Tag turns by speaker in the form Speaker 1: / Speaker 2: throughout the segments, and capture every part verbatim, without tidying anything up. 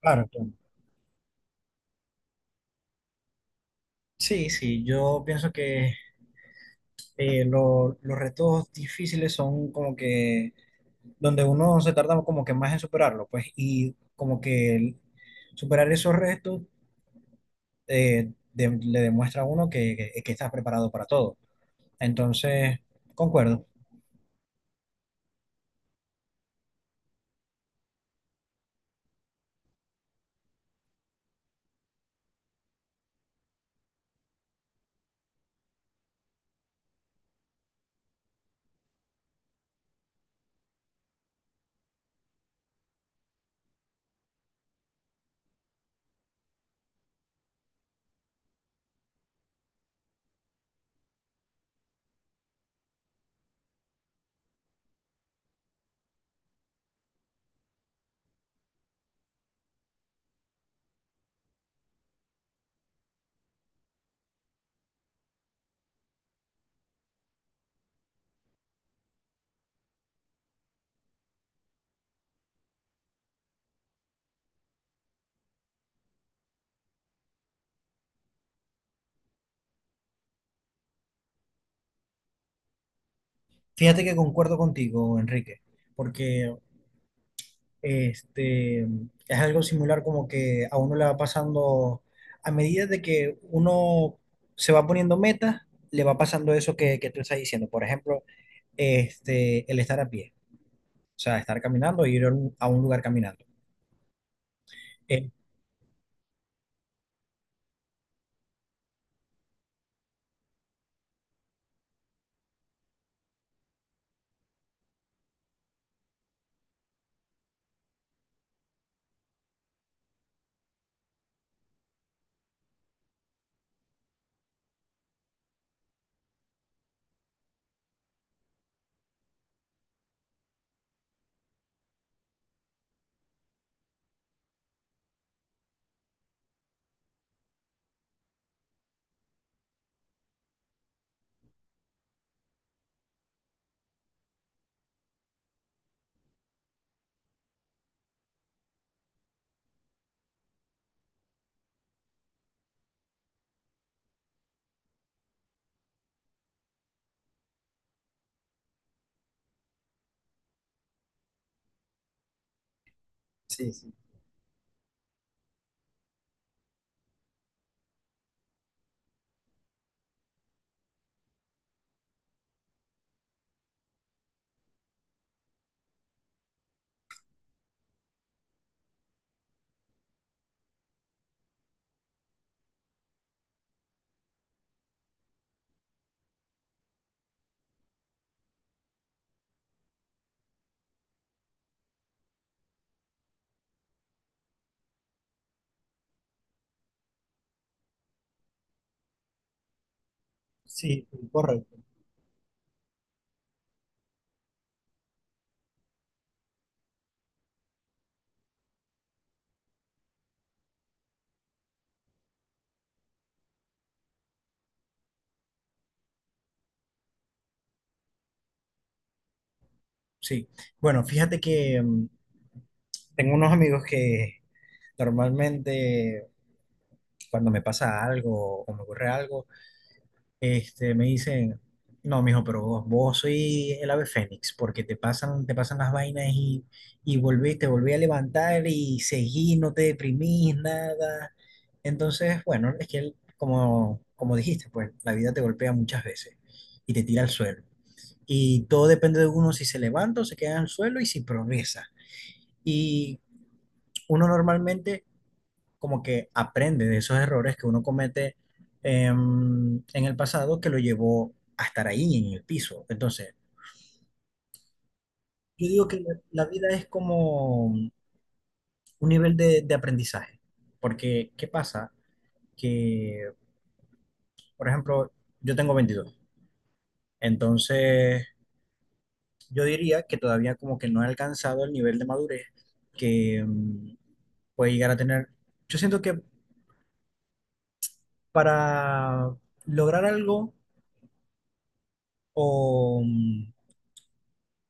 Speaker 1: Claro, claro. Sí, sí, yo pienso que eh, lo- los retos difíciles son como que donde uno se tarda como que más en superarlo, pues, y como que el- superar esos retos, eh, de- le demuestra a uno que, que, que estás preparado para todo. Entonces, concuerdo. Fíjate que concuerdo contigo, Enrique, porque este, es algo similar como que a uno le va pasando, a medida de que uno se va poniendo metas, le va pasando eso que, que tú estás diciendo. Por ejemplo, este, el estar a pie, o sea, estar caminando e ir a un, a un lugar caminando. Eh, Sí, sí, sí, correcto. Sí, bueno, fíjate que mm, tengo unos amigos que normalmente cuando me pasa algo o me ocurre algo, este, me dicen, no, mijo, pero vos, vos soy el ave fénix, porque te pasan, te pasan las vainas y, y volví, te volví a levantar y seguí, no te deprimís, nada. Entonces, bueno, es que él, como, como dijiste, pues la vida te golpea muchas veces y te tira al suelo. Y todo depende de uno si se levanta o se queda en el suelo y si progresa. Y uno normalmente como que aprende de esos errores que uno comete em, en el pasado que lo llevó a estar ahí en el piso. Entonces, yo digo que la, la vida es como un nivel de, de aprendizaje, porque ¿qué pasa? Que, por ejemplo, yo tengo veintidós, entonces yo diría que todavía como que no he alcanzado el nivel de madurez que em, puede llegar a tener. Yo siento que para lograr algo o em,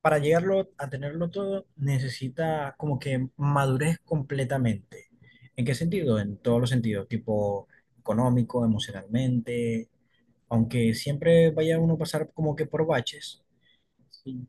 Speaker 1: para llegarlo a tenerlo todo, necesita como que madurez completamente. ¿En qué sentido? En todos los sentidos, tipo económico, emocionalmente, aunque siempre vaya uno a pasar como que por baches. Sí,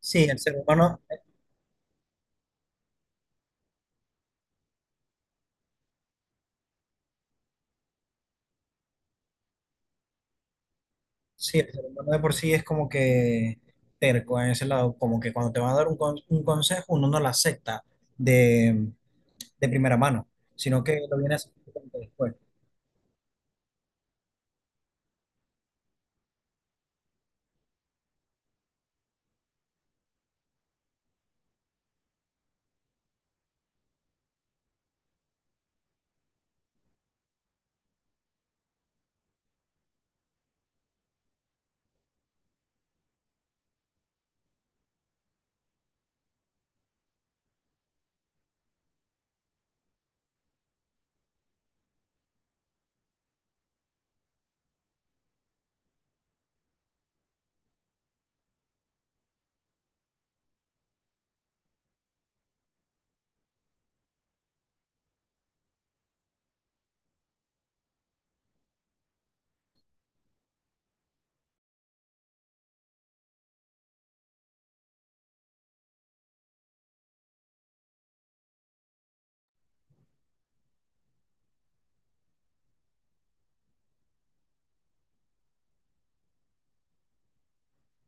Speaker 1: sí, el ser humano, sí, el ser humano de por sí es como que terco en ese lado, como que cuando te van a dar un, con- un consejo, uno no lo acepta de, de primera mano, sino que lo viene a aceptar después.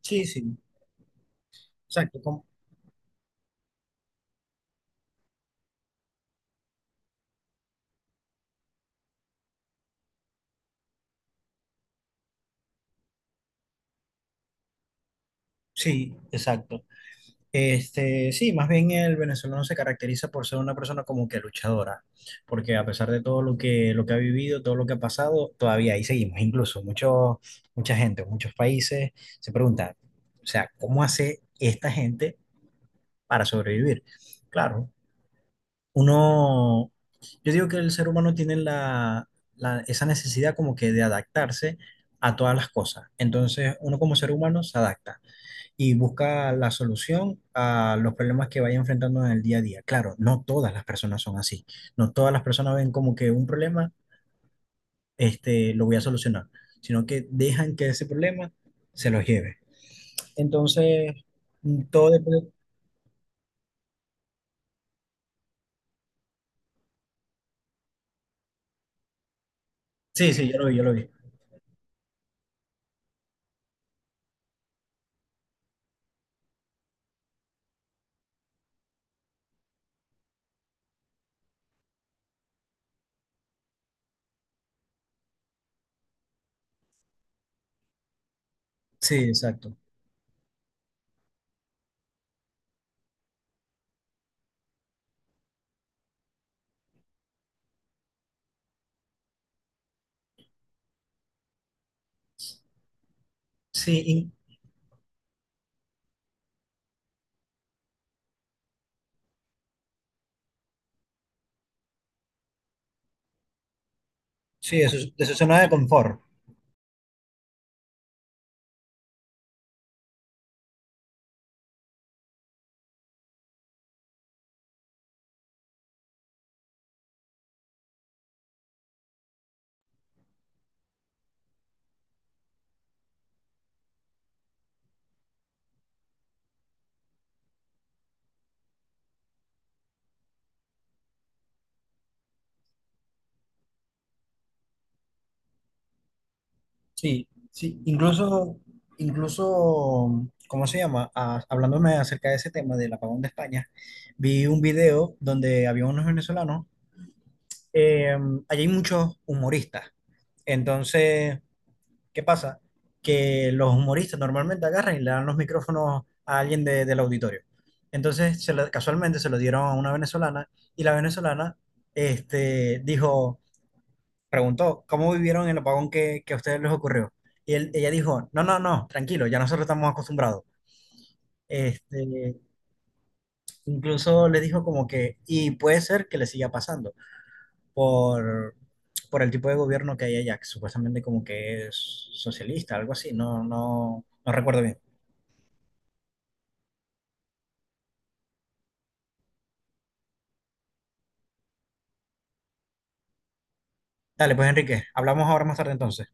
Speaker 1: Sí, sí, exacto, como- sí, exacto. Este, sí, más bien el venezolano se caracteriza por ser una persona como que luchadora, porque a pesar de todo lo que, lo que ha vivido, todo lo que ha pasado, todavía ahí seguimos. Incluso mucho, mucha gente, muchos países se preguntan, o sea, ¿cómo hace esta gente para sobrevivir? Claro, uno, yo digo que el ser humano tiene la, la- esa necesidad como que de adaptarse a todas las cosas. Entonces, uno como ser humano se adapta y busca la solución a los problemas que vaya enfrentando en el día a día. Claro, no todas las personas son así. No todas las personas ven como que un problema, este, lo voy a solucionar, sino que dejan que ese problema se los lleve. Entonces, mm, todo depende. Sí, sí, yo lo vi, yo lo vi. Sí, exacto. Sí, y- sí, eso, es- de su zona de confort. Sí, sí, incluso, incluso, ¿cómo se llama? Ah, hablándome acerca de ese tema del apagón de España, vi un video donde había unos venezolanos, eh, allí hay muchos humoristas, entonces, ¿qué pasa? Que los humoristas normalmente agarran y le dan los micrófonos a alguien de- del auditorio. Entonces, se lo- casualmente se lo dieron a una venezolana y la venezolana, este, dijo, preguntó, ¿cómo vivieron el apagón que, que a ustedes les ocurrió? Y él- ella dijo, no, no, no, tranquilo, ya nosotros estamos acostumbrados. Este, incluso le dijo como que, y puede ser que le siga pasando por, por el tipo de gobierno que hay allá, que supuestamente como que es socialista, algo así, no, no, no recuerdo bien. Dale, pues Enrique, hablamos ahora más tarde entonces.